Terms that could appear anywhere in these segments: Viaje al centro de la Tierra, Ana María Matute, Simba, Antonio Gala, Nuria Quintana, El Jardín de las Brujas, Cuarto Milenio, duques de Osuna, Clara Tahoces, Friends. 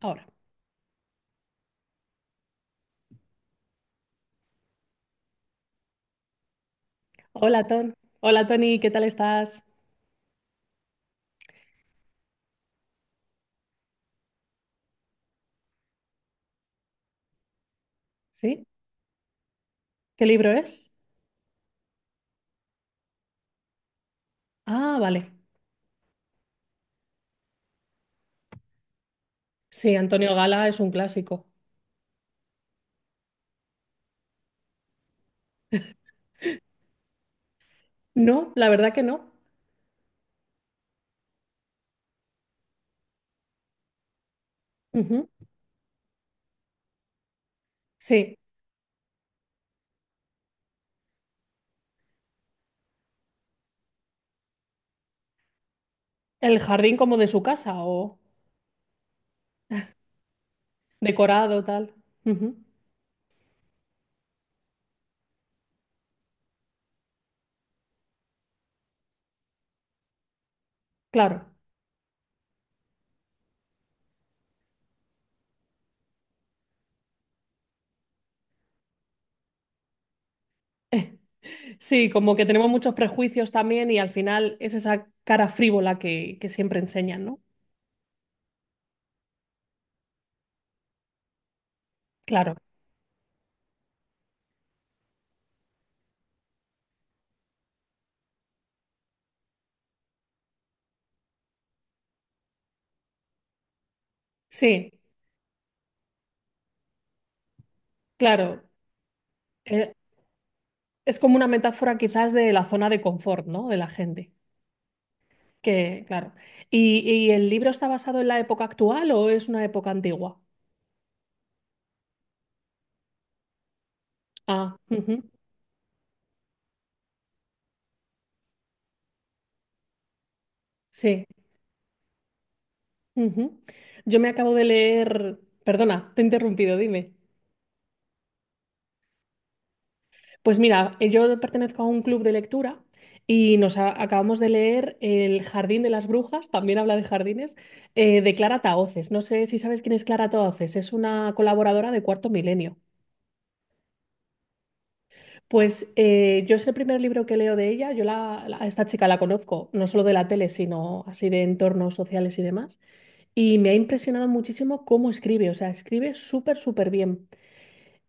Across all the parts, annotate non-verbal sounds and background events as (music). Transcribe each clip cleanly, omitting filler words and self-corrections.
Ahora. Hola, Ton. Hola, Tony, ¿qué tal estás? ¿Sí? ¿Qué libro es? Ah, vale. Sí, Antonio Gala es un clásico. No, la verdad que no. Ujú. Sí. ¿El jardín como de su casa o decorado, tal? Ujú. Claro. Sí, como que tenemos muchos prejuicios también y al final es esa cara frívola que siempre enseñan, ¿no? Claro. Sí, claro. Eh, es como una metáfora quizás de la zona de confort, ¿no? De la gente. Que, claro. Y el libro está basado en la época actual o es una época antigua? Ah, ujú. Sí. Ujú. Yo me acabo de leer. Perdona, te he interrumpido, dime. Pues mira, yo pertenezco a un club de lectura y nos acabamos de leer El Jardín de las Brujas, también habla de jardines, de Clara Tahoces. No sé si sabes quién es Clara Tahoces, es una colaboradora de Cuarto Milenio. Pues yo es el primer libro que leo de ella. Yo a esta chica la conozco, no solo de la tele, sino así de entornos sociales y demás. Y me ha impresionado muchísimo cómo escribe. O sea, escribe súper, súper bien.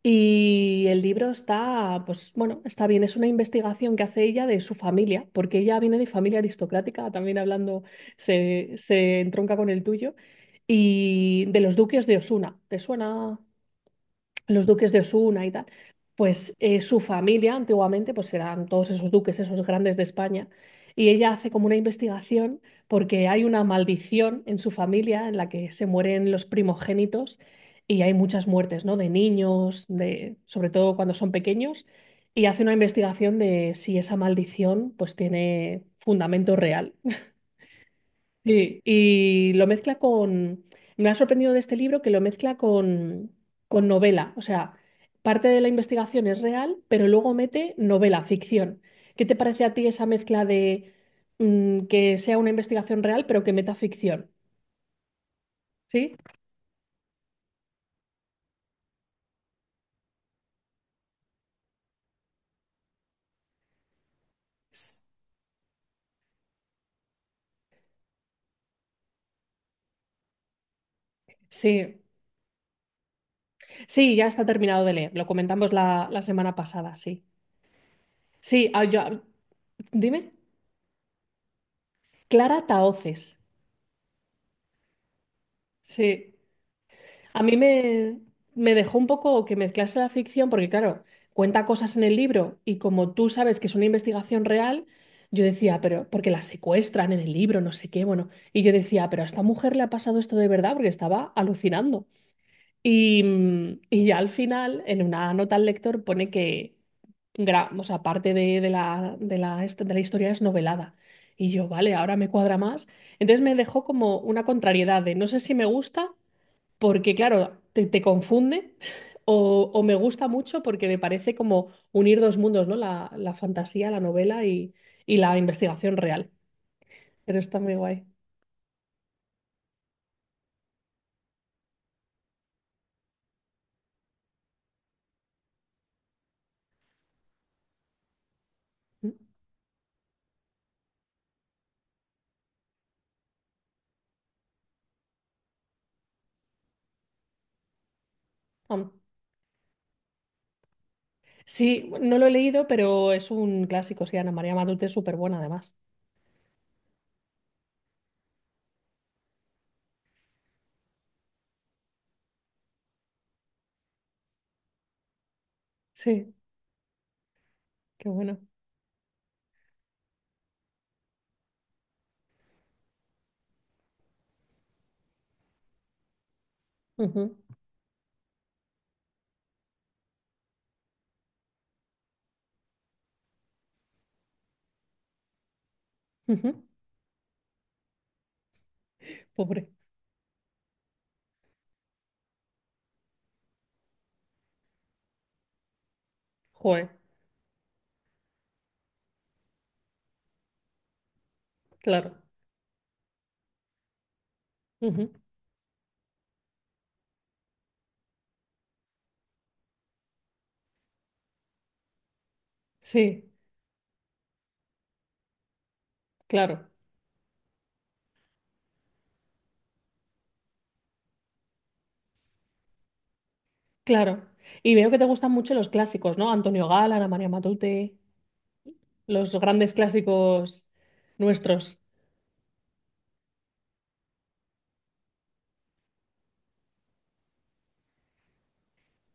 Y el libro está, pues bueno, está bien. Es una investigación que hace ella de su familia, porque ella viene de familia aristocrática, también hablando, se entronca con el tuyo, y de los duques de Osuna. ¿Te suena? Los duques de Osuna y tal, pues su familia antiguamente pues eran todos esos duques, esos grandes de España, y ella hace como una investigación porque hay una maldición en su familia en la que se mueren los primogénitos y hay muchas muertes, ¿no? De niños, de, sobre todo cuando son pequeños, y hace una investigación de si esa maldición pues tiene fundamento real. Sí, y lo mezcla con, me ha sorprendido de este libro que lo mezcla con novela, o sea, parte de la investigación es real, pero luego mete novela, ficción. ¿Qué te parece a ti esa mezcla de que sea una investigación real, pero que meta ficción? ¿Sí? S- Sí, sí, ya está terminado de leer, lo comentamos la semana pasada, sí. Sí, ah, yo- dime, Clara Tahoces, sí. A mí me, me dejó un poco que mezclase la ficción, porque claro, cuenta cosas en el libro y como tú sabes que es una investigación real, yo decía, pero porque la secuestran en el libro, no sé qué, bueno, y yo decía, pero a esta mujer le ha pasado esto de verdad porque estaba alucinando. Y, y ya al final, en una nota al lector pone que, gra- o sea, parte de la, est- de la historia es novelada. Y yo, vale, ahora me cuadra más. Entonces me dejó como una contrariedad de no sé si me gusta porque claro, te confunde (laughs) o me gusta mucho porque me parece como unir dos mundos, ¿no? La fantasía, la novela y la investigación real. Pero está muy guay. Mm. Am. Sí, no lo he leído, pero es un clásico, sí, Ana María Matute es súper buena además. Sí, qué bueno. Ujú, ujú. Pobre. Joder, claro. Ujú. Sí, claro, claro. Y veo que te gustan mucho los clásicos, ¿no? Antonio Gala, Ana María Matute. Los grandes clásicos nuestros.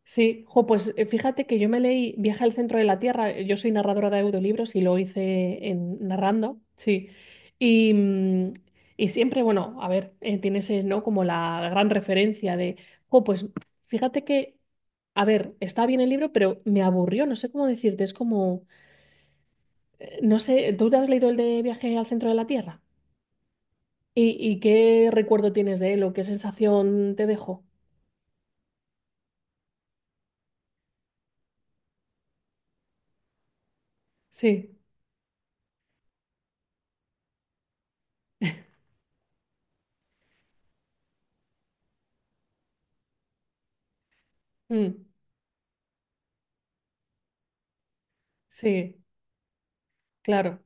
Sí, jo, pues fíjate que yo me leí Viaje al centro de la Tierra. Yo soy narradora de audiolibros y lo hice en, narrando, sí. Y, y siempre, bueno, a ver, tienes ¿no? Como la gran referencia de, jo, pues fíjate que, a ver, está bien el libro, pero me aburrió, no sé cómo decirte, es como, no sé, ¿tú te has leído el de Viaje al centro de la Tierra? Y qué recuerdo tienes de él o qué sensación te dejó? Sí. Mm, sí, claro.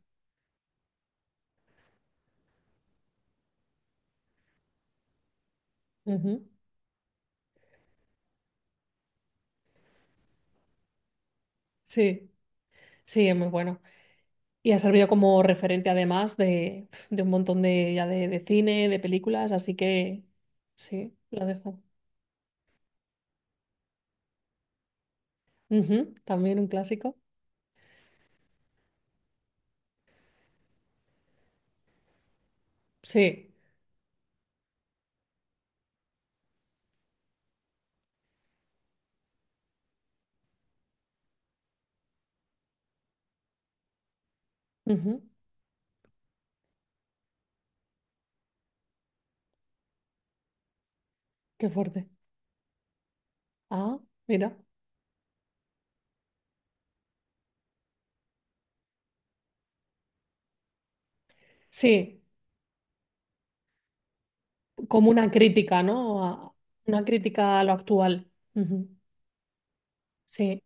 Ujú. Sí, sí, es muy bueno. Y ha servido como referente además de un montón de, ya de cine, de películas, así que sí, la dejo. Ujú. También un clásico. Sí, ujú. Qué fuerte. Ah, mira. Sí, como una crítica, ¿no? A- una crítica a lo actual. Ujú. Sí.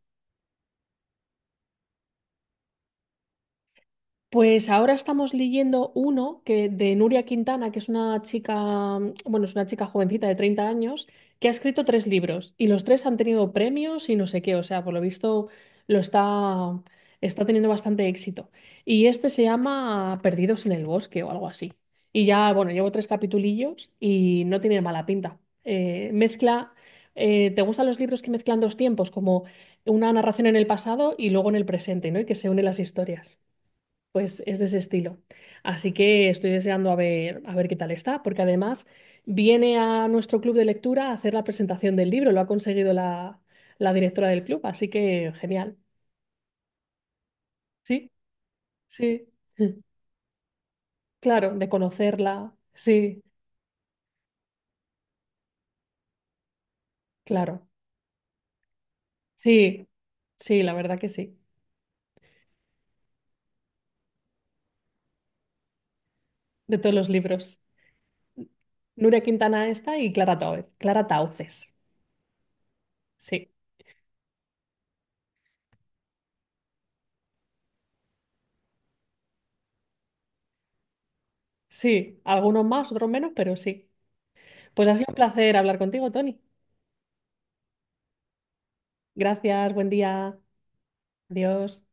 Pues ahora estamos leyendo uno que, de Nuria Quintana, que es una chica, bueno, es una chica jovencita de 30 años, que ha escrito tres libros y los tres han tenido premios y no sé qué, o sea, por lo visto lo está, está teniendo bastante éxito. Y este se llama Perdidos en el bosque o algo así. Y ya, bueno, llevo tres capitulillos y no tiene mala pinta. Mezcla, ¿te gustan los libros que mezclan dos tiempos, como una narración en el pasado y luego en el presente, ¿no? Y que se unen las historias. Pues es de ese estilo. Así que estoy deseando a ver qué tal está, porque además viene a nuestro club de lectura a hacer la presentación del libro, lo ha conseguido la, la directora del club, así que genial. Sí, sí, (laughs) claro, de conocerla, sí, claro, sí, sí, la verdad que sí, de todos los libros. Nuria Quintana esta y Clara Tauces. Clara Tauces, sí, sí, algunos más, otros menos, pero sí. Pues ha sido un placer hablar contigo, Tony. Gracias, buen día. Adiós.